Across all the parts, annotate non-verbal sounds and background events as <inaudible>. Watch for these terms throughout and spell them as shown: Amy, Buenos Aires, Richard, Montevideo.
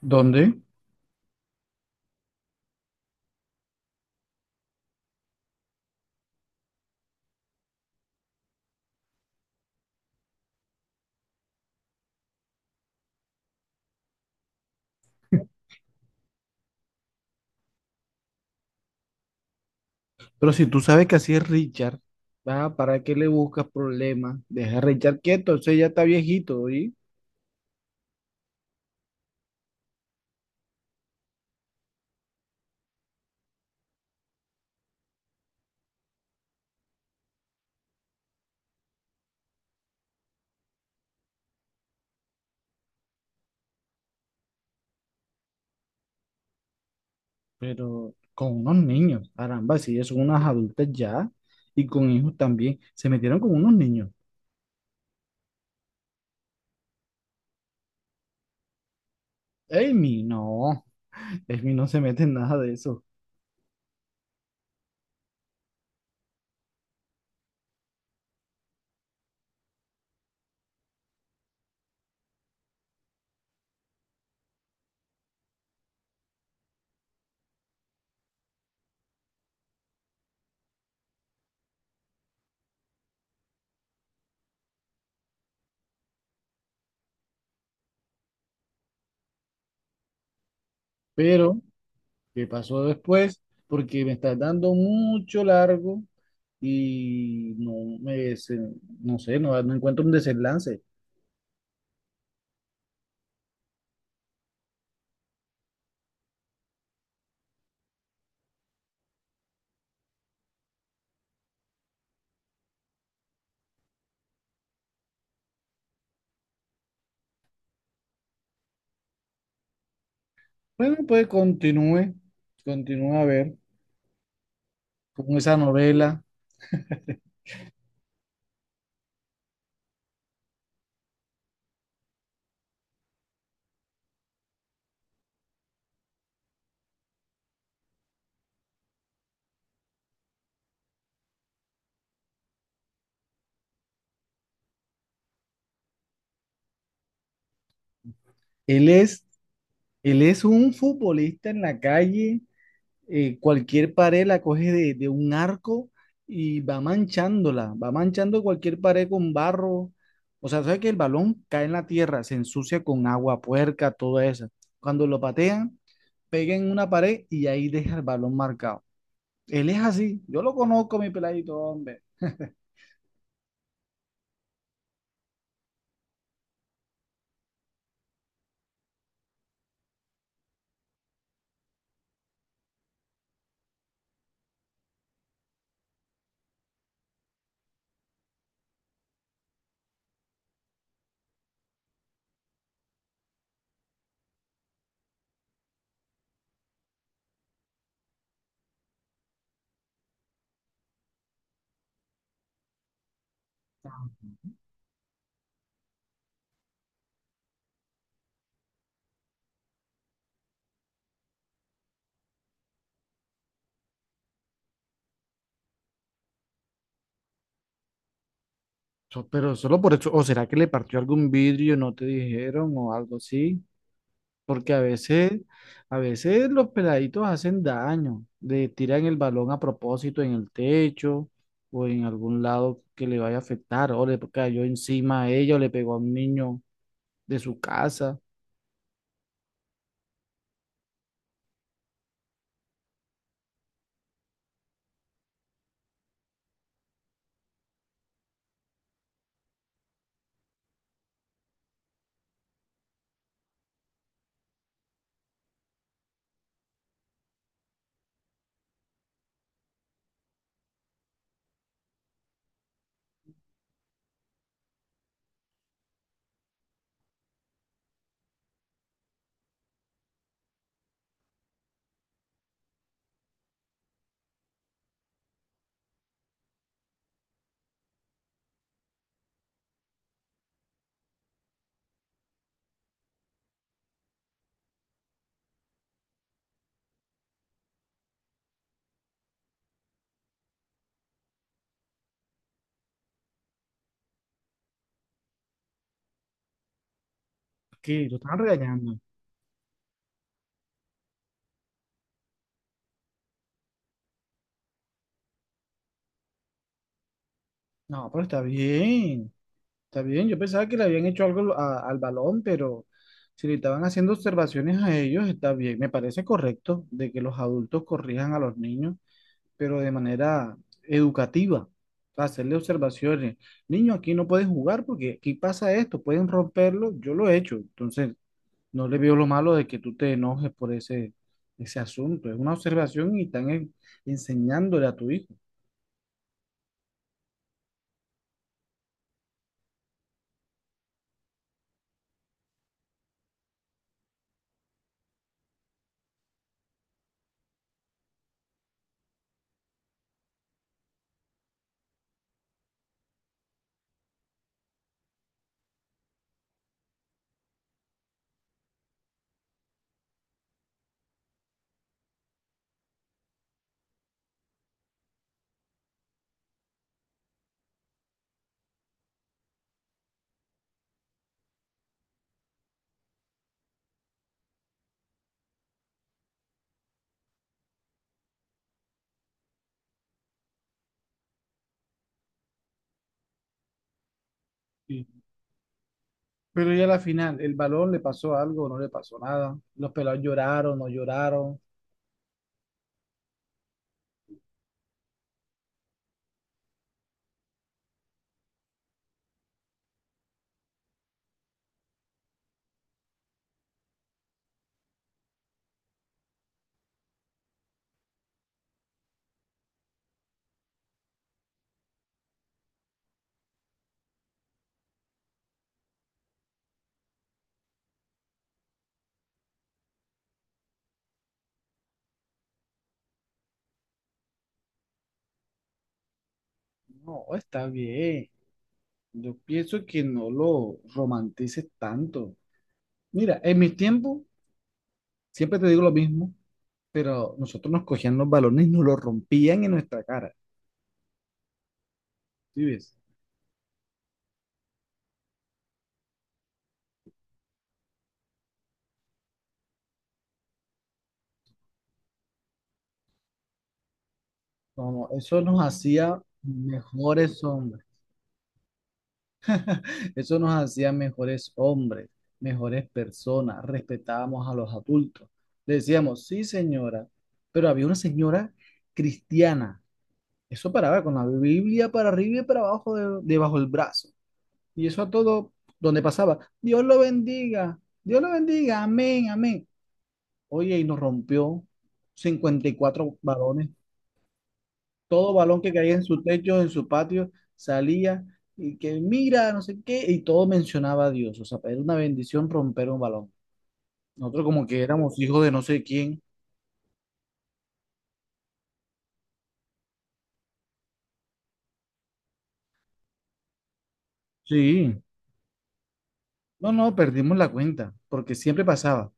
¿Dónde? Pero si tú sabes que así es Richard, ah, ¿para qué le buscas problemas? Deja a Richard quieto, ese ya está viejito, ¿sí? Pero con unos niños, caramba, si ya son unas adultas ya, y con hijos también, se metieron con unos niños. Amy, no, Amy no se mete en nada de eso. Pero, ¿qué pasó después? Porque me estás dando mucho largo y no sé, no, no encuentro un desenlace. Bueno, pues continúe, continúa a ver con esa novela. Él es, él es un futbolista en la calle, cualquier pared la coge de un arco y va manchándola, va manchando cualquier pared con barro. O sea, sabe que el balón cae en la tierra, se ensucia con agua puerca, todo eso. Cuando lo patean, pega en una pared y ahí deja el balón marcado. Él es así, yo lo conozco, mi peladito, hombre. <laughs> Pero solo por eso, o será que le partió algún vidrio, no te dijeron, o algo así. Porque a veces los peladitos hacen daño, le tiran el balón a propósito en el techo o en algún lado que le vaya a afectar, o le cayó encima a ella o le pegó a un niño de su casa. ¿Qué? ¿Lo están regañando? No, pero está bien, está bien. Yo pensaba que le habían hecho algo al balón, pero si le estaban haciendo observaciones a ellos, está bien. Me parece correcto de que los adultos corrijan a los niños, pero de manera educativa. O sea, hacerle observaciones. Niño, aquí no puedes jugar porque aquí pasa esto, pueden romperlo, yo lo he hecho. Entonces, no le veo lo malo de que tú te enojes por ese, ese asunto. Es una observación y están enseñándole a tu hijo. Sí. Pero ya a la final, el balón le pasó algo, no le pasó nada. Los pelados lloraron. No, está bien. Yo pienso que no lo romantices tanto. Mira, en mi tiempo siempre te digo lo mismo, pero nosotros nos cogían los balones y nos los rompían en nuestra cara. ¿Sí ves? No, no, eso nos hacía mejores hombres. Eso nos hacía mejores hombres, mejores personas. Respetábamos a los adultos. Le decíamos, sí, señora, pero había una señora cristiana. Eso paraba con la Biblia para arriba y para abajo, debajo del brazo. Y eso a todo donde pasaba. Dios lo bendiga, amén, amén. Oye, y nos rompió 54 balones. Todo balón que caía en su techo, en su patio, salía y que mira, no sé qué, y todo mencionaba a Dios. O sea, era una bendición romper un balón. Nosotros como que éramos hijos de no sé quién. Sí, no, no, perdimos la cuenta, porque siempre pasaba.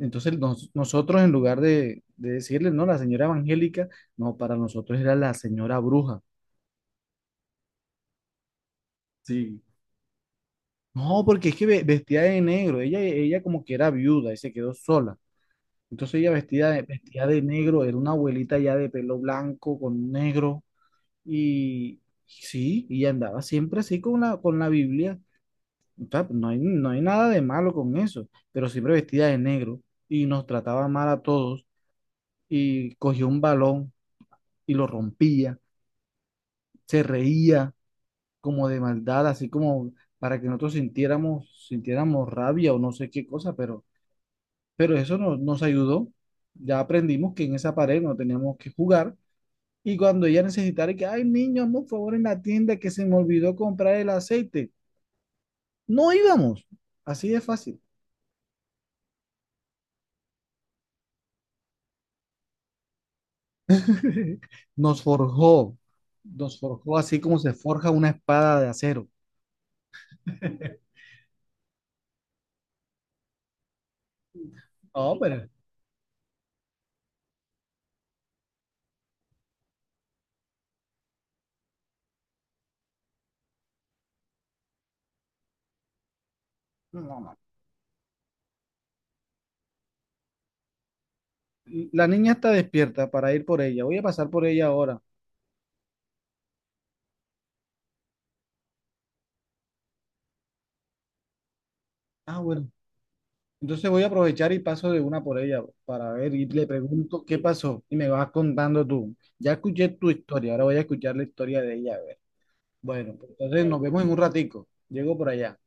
Entonces nosotros en lugar de, decirle, no, la señora evangélica, no, para nosotros era la señora bruja. Sí. No, porque es que vestía de negro. Ella como que era viuda y se quedó sola. Entonces ella vestida de negro, era una abuelita ya de pelo blanco con negro y sí, y andaba siempre así con la Biblia. O sea, no hay, no hay nada de malo con eso, pero siempre vestida de negro y nos trataba mal a todos y cogía un balón y lo rompía, se reía como de maldad, así como para que nosotros sintiéramos, sintiéramos rabia o no sé qué cosa, pero eso nos ayudó. Ya aprendimos que en esa pared no teníamos que jugar. Y cuando ella necesitara que, ay, niño, hazme un favor en la tienda que se me olvidó comprar el aceite. No íbamos. Así de fácil. <laughs> Nos forjó. Nos forjó así como se forja una espada de acero. <laughs> No, pero. No, no. La niña está despierta para ir por ella. Voy a pasar por ella ahora. Ah, bueno. Entonces voy a aprovechar y paso de una por ella para ver y le pregunto qué pasó. Y me vas contando tú. Ya escuché tu historia. Ahora voy a escuchar la historia de ella. Bueno, pues entonces nos vemos en un ratico. Llego por allá.